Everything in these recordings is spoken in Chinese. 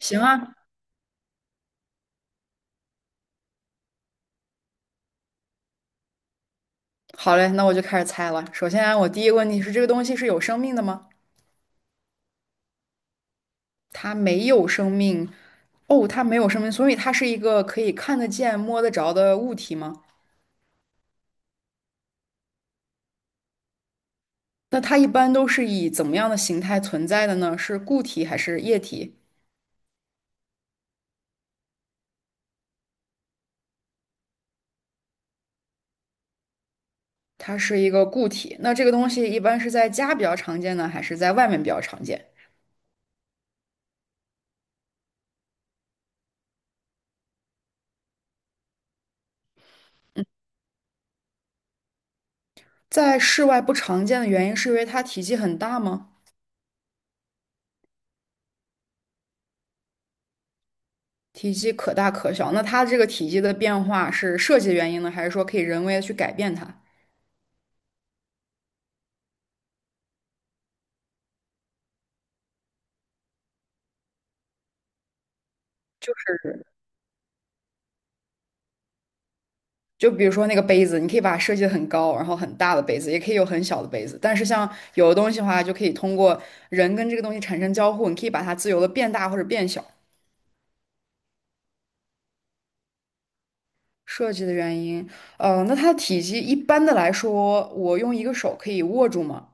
行啊。好嘞，那我就开始猜了。首先啊，我第一个问题是，这个东西是有生命的吗？它没有生命。哦，它没有生命，所以它是一个可以看得见、摸得着的物体吗？那它一般都是以怎么样的形态存在的呢？是固体还是液体？它是一个固体。那这个东西一般是在家比较常见呢，还是在外面比较常见？在室外不常见的原因是因为它体积很大吗？体积可大可小。那它这个体积的变化是设计原因呢，还是说可以人为的去改变它？是，就比如说那个杯子，你可以把它设计的很高，然后很大的杯子，也可以有很小的杯子。但是像有的东西的话，就可以通过人跟这个东西产生交互，你可以把它自由的变大或者变小。设计的原因，那它的体积一般的来说，我用一个手可以握住吗？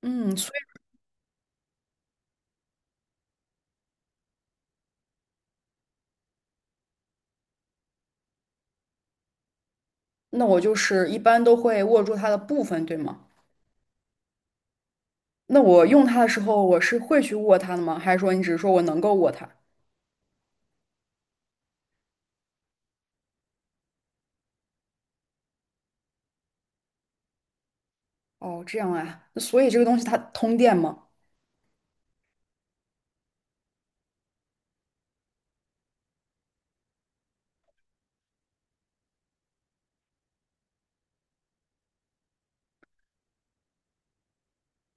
嗯，所以那我就是一般都会握住它的部分，对吗？那我用它的时候，我是会去握它的吗？还是说你只是说我能够握它？哦，这样啊。那所以这个东西它通电吗？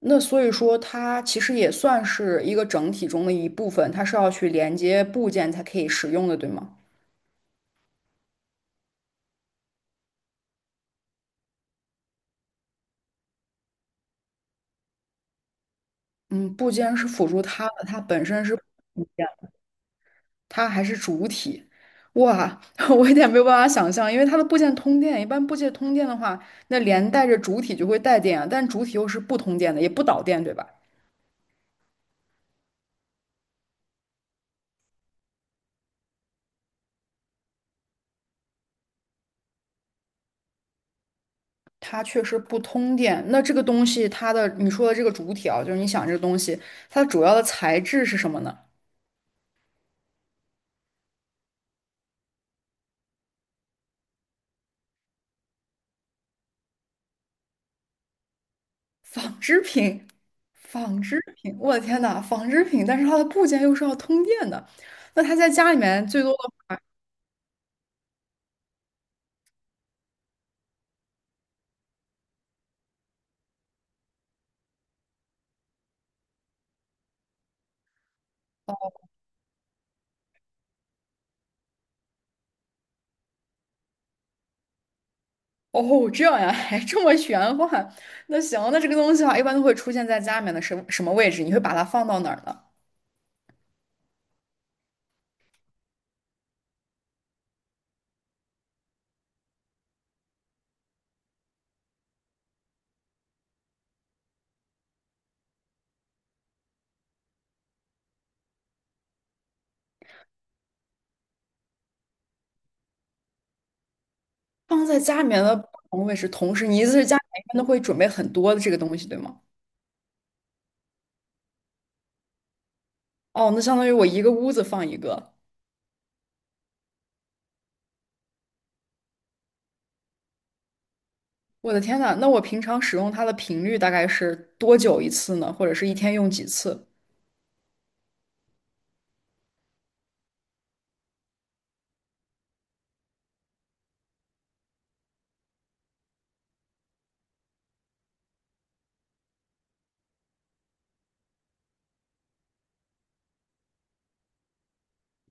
那所以说它其实也算是一个整体中的一部分，它是要去连接部件才可以使用的，对吗？嗯，部件是辅助它的，它还是主体。哇，我有点没有办法想象，因为它的部件通电，一般部件通电的话，那连带着主体就会带电啊，但主体又是不通电的，也不导电，对吧？它确实不通电。那这个东西，它的你说的这个主体啊，就是你想这个东西，它的主要的材质是什么呢？纺织品，纺织品，我的天呐，纺织品，但是它的部件又是要通电的。那它在家里面最多的话，哦，哦这样呀，还这么玄幻。那行，那这个东西的话，一般都会出现在家里面的什么什么位置？你会把它放到哪儿呢？放在家里面的不同位置，同时你意思是家里面一般都会准备很多的这个东西，对吗？哦，那相当于我一个屋子放一个，我的天呐，那我平常使用它的频率大概是多久一次呢？或者是一天用几次？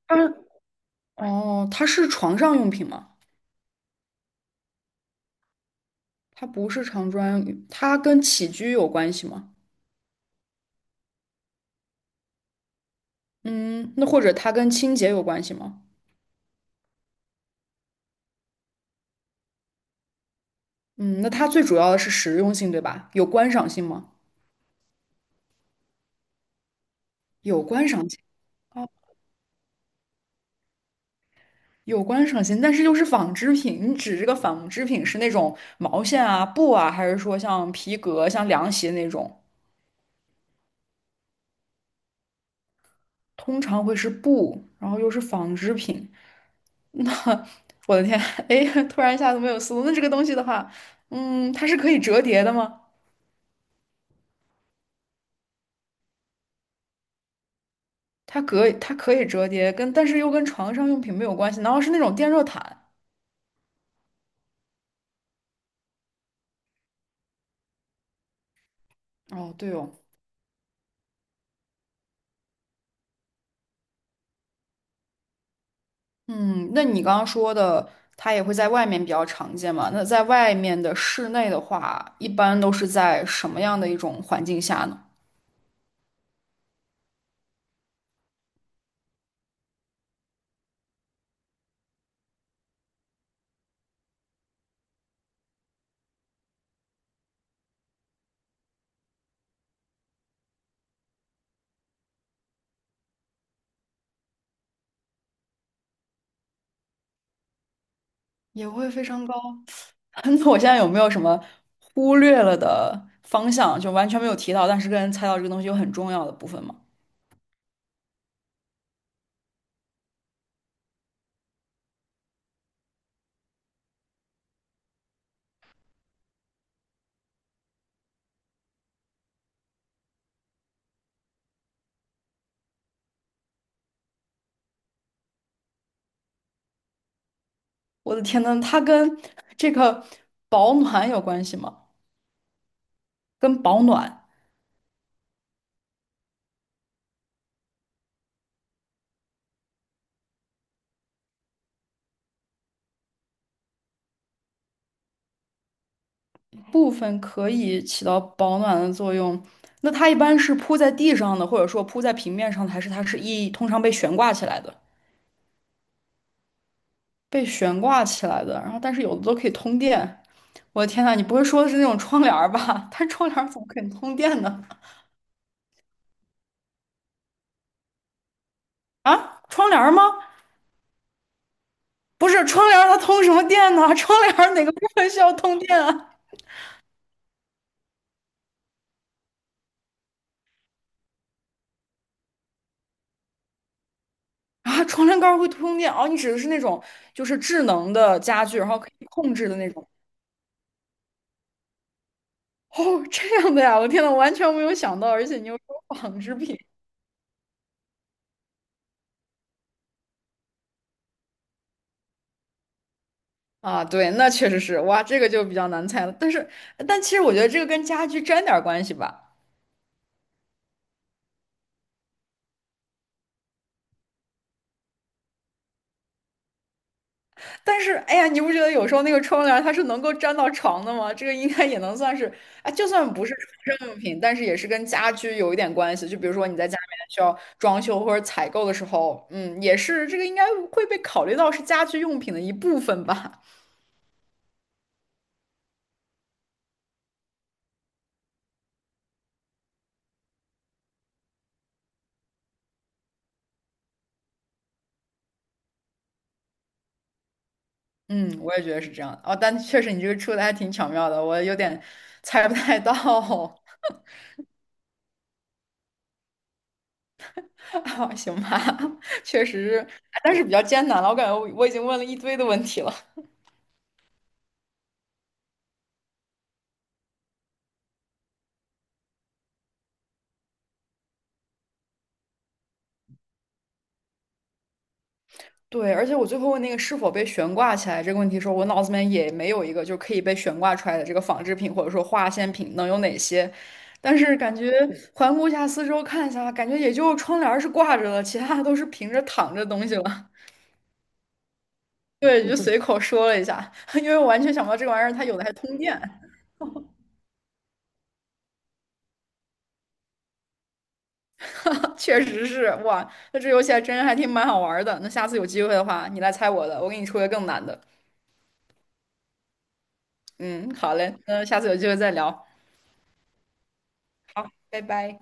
它哦，它是床上用品吗？它不是床专用品它跟起居有关系吗？嗯，那或者它跟清洁有关系吗？嗯，那它最主要的是实用性，对吧？有观赏性吗？有观赏性。哦，有观赏性，但是又是纺织品。你指这个纺织品是那种毛线啊、布啊，还是说像皮革、像凉席那种？通常会是布，然后又是纺织品。那我的天，哎，突然一下子没有思路。那这个东西的话，嗯，它是可以折叠的吗？它可以折叠，但是又跟床上用品没有关系。难道是那种电热毯？哦，对哦。嗯，那你刚刚说的，它也会在外面比较常见嘛？那在外面的室内的话，一般都是在什么样的一种环境下呢？也会非常高。那我现在有没有什么忽略了的方向，就完全没有提到，但是跟猜到这个东西又很重要的部分吗？我的天呐，它跟这个保暖有关系吗？跟保暖部分可以起到保暖的作用。那它一般是铺在地上的，或者说铺在平面上的，还是它是通常被悬挂起来的？被悬挂起来的，然后但是有的都可以通电。我的天呐，你不会说的是那种窗帘儿吧？它窗帘儿怎么可以通电呢？啊，窗帘儿吗？不是，窗帘儿它通什么电呢？窗帘儿哪个部分需要通电啊？啊，床帘杆会通电哦，你指的是那种就是智能的家具，然后可以控制的那种。哦，这样的呀，我天呐，我完全没有想到，而且你又说纺织品啊，对，那确实是，哇，这个就比较难猜了。但是，但其实我觉得这个跟家具沾点儿关系吧，但是，哎呀，你不觉得有时候那个窗帘它是能够粘到床的吗？这个应该也能算是，啊，就算不是床上用品，但是也是跟家居有一点关系。就比如说你在家里面需要装修或者采购的时候，嗯，也是这个应该会被考虑到是家居用品的一部分吧。嗯，我也觉得是这样的。哦，但确实你这个出的还挺巧妙的，我有点猜不太到。哈，行吧，确实，哎但是比较艰难了。我感觉我已经问了一堆的问题了。对，而且我最后问那个是否被悬挂起来这个问题的时候，我脑子里面也没有一个就可以被悬挂出来的这个纺织品或者说化纤品能有哪些。但是感觉环顾一下四周看一下，感觉也就窗帘儿是挂着的，其他的都是平着躺着的东西了。对，就随口说了一下，因为我完全想不到这个玩意儿它有的还通电，确实是哇，那这游戏还真还挺蛮好玩儿的。那下次有机会的话，你来猜我的，我给你出个更难的。嗯，好嘞，那下次有机会再聊，拜拜。